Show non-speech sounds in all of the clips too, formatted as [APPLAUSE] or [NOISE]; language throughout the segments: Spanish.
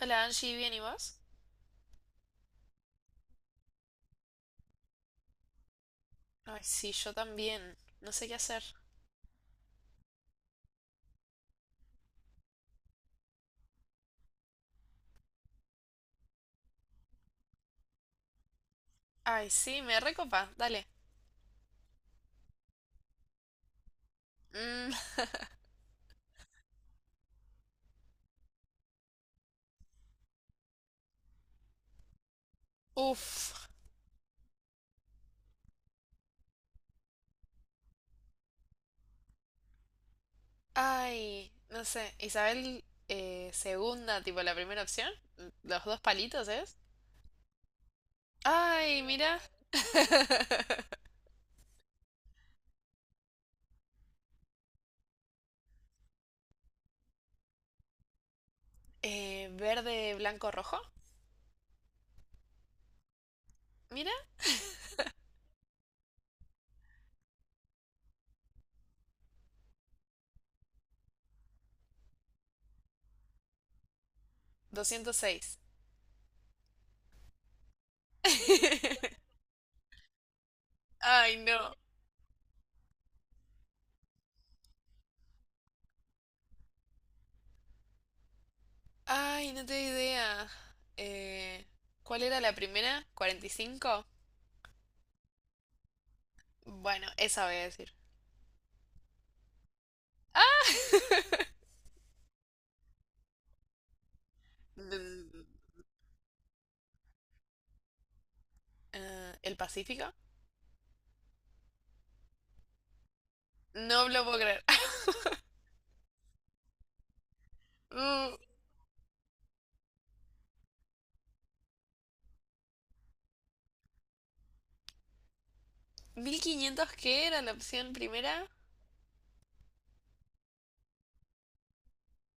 Hola, Angie, ¿bien y vos? Ay, sí, yo también. No sé qué hacer. Ay, sí, me recopa. Dale. Mm, [LAUGHS] uf. Ay, no sé. Isabel segunda, tipo la primera opción. Los dos palitos, ¿es? Ay, mira. [LAUGHS] Verde, blanco, rojo. Mira. 206. [LAUGHS] Ay, no. Ay, no tengo idea. Eh, ¿Cuál era la primera? 45. Bueno, esa voy a decir. ¡Ah! [LAUGHS] Mm, ¿el Pacífico? No lo puedo creer. [LAUGHS] Mm, ¿1500 qué era la opción primera?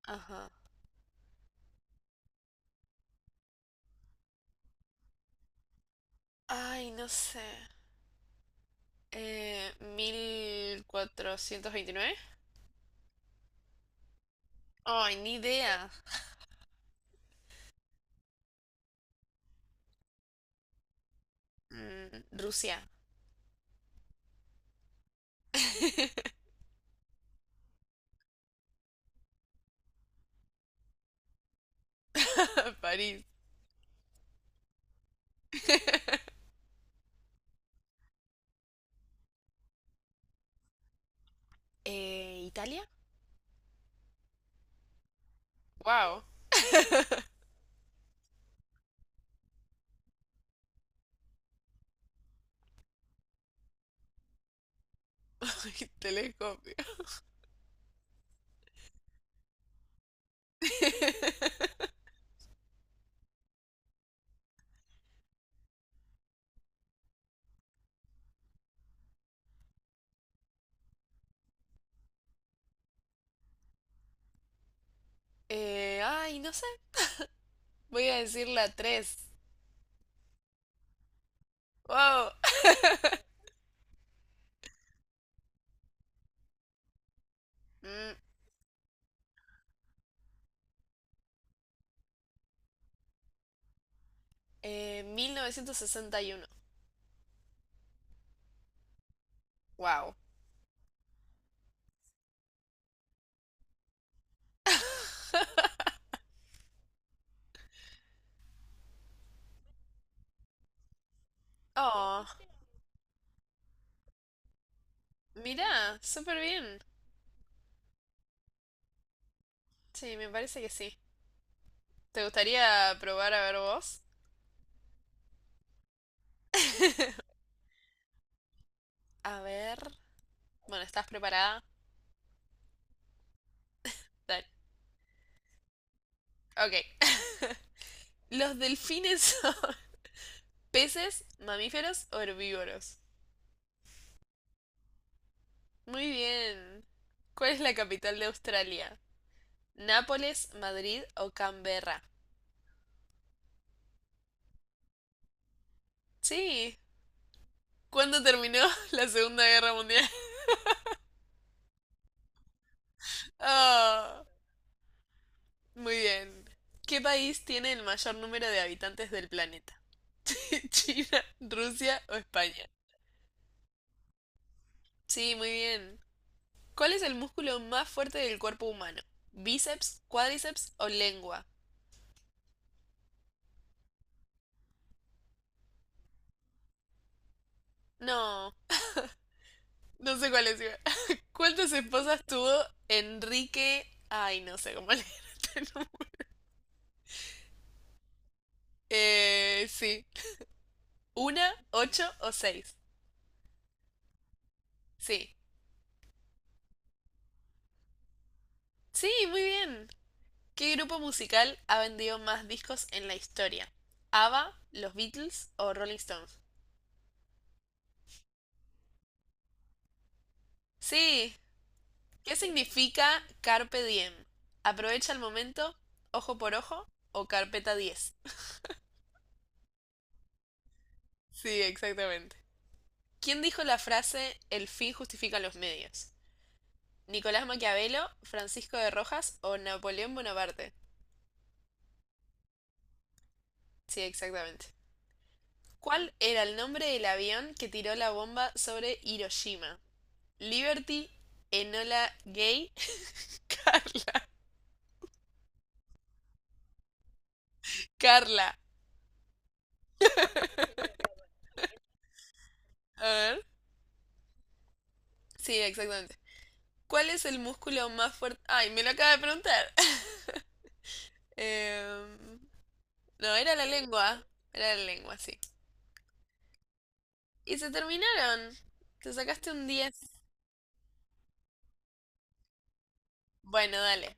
Ajá. Ay, no sé. ¿1429? Ay, ni idea. Mm, Rusia. [LAUGHS] París. ¿Italia? Wow. [LAUGHS] Telescopio. [LAUGHS] Ay, no sé. Voy a decir la 3. Wow. Mm, 1961. Wow. Oh, mira, súper bien. Sí, me parece que sí. ¿Te gustaría probar a ver vos? [LAUGHS] A ver. Bueno, ¿estás preparada? Dale. Ok. [LAUGHS] ¿Los delfines son [LAUGHS] peces, mamíferos o herbívoros? Muy bien. ¿Cuál es la capital de Australia? ¿Nápoles, Madrid o Canberra? Sí. ¿Cuándo terminó [LAUGHS] la Segunda Guerra Mundial? [LAUGHS] Oh. Muy bien. ¿Qué país tiene el mayor número de habitantes del planeta? [LAUGHS] ¿China, Rusia o España? Sí, muy bien. ¿Cuál es el músculo más fuerte del cuerpo humano? ¿Bíceps, cuádriceps o lengua? No, no sé cuál es. [LAUGHS] ¿Cuántas esposas tuvo Enrique? Ay, no sé cómo [LAUGHS] leer este nombre. Sí. ¿Una, ocho o seis? Sí. Sí, muy bien. ¿Qué grupo musical ha vendido más discos en la historia? ¿ABBA, los Beatles o Rolling Stones? Sí. ¿Qué significa carpe diem? ¿Aprovecha el momento, ojo por ojo o carpeta 10? Sí, exactamente. ¿Quién dijo la frase el fin justifica los medios? ¿Nicolás Maquiavelo, Francisco de Rojas o Napoleón Bonaparte? Sí, exactamente. ¿Cuál era el nombre del avión que tiró la bomba sobre Hiroshima? Liberty, Enola Gay, [LAUGHS] Carla, Carla. A ver. Sí, exactamente. ¿Cuál es el músculo más fuerte? Ay, me lo acaba de preguntar. [LAUGHS] Em, no, era la lengua. Era la lengua, sí. Y se terminaron. ¿Te sacaste un 10? Bueno, dale.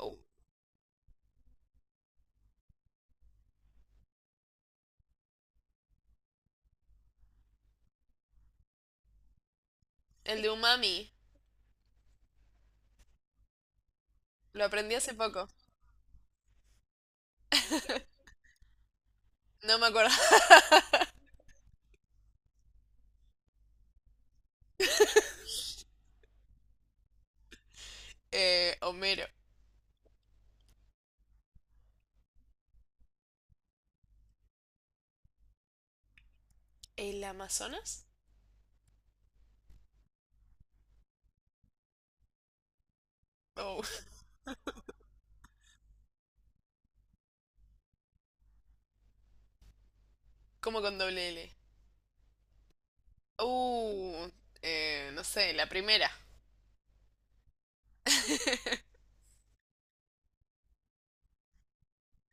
Oh, el de umami. Lo aprendí hace poco. No me acuerdo. [LAUGHS] Homero. ¿El Amazonas? Oh, [LAUGHS] como con doble L. Uh, no sé, la primera. [LAUGHS]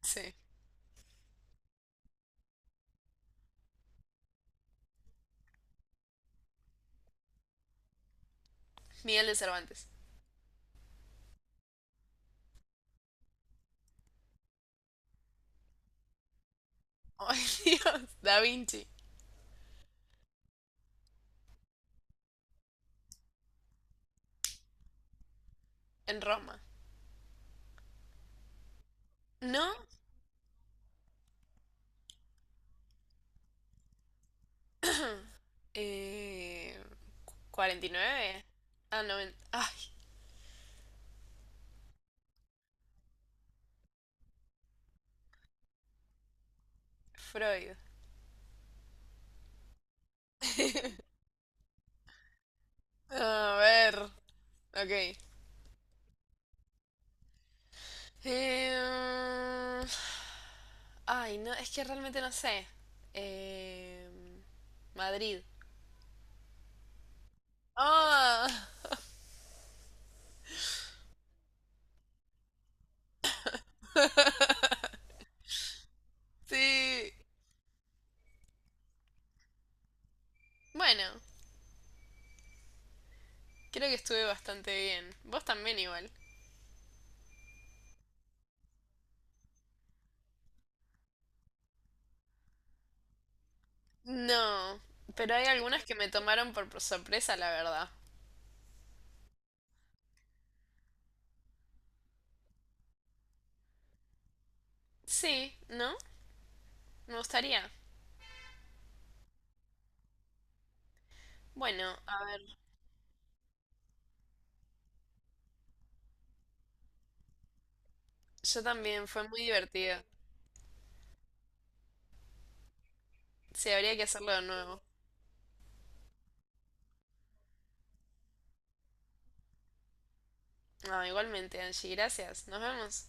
Sí. Miguel de Cervantes. Ay, [LAUGHS] Dios. Da Vinci. En Roma. ¿No? [CLEARS THROAT] Eh, 49. Ah, 90. Ay, Freud. [LAUGHS] A ver. Ok. Em, ay, no, es que realmente no sé. Em, Madrid. Ah, sí. Bueno, creo que estuve bastante bien. Vos también igual. No, pero hay algunas que me tomaron por sorpresa, la verdad. Sí, ¿no? Me gustaría. Bueno, a ver, yo también, fue muy divertido. Sí, habría que hacerlo de nuevo. Ah, igualmente, Angie, gracias. Nos vemos.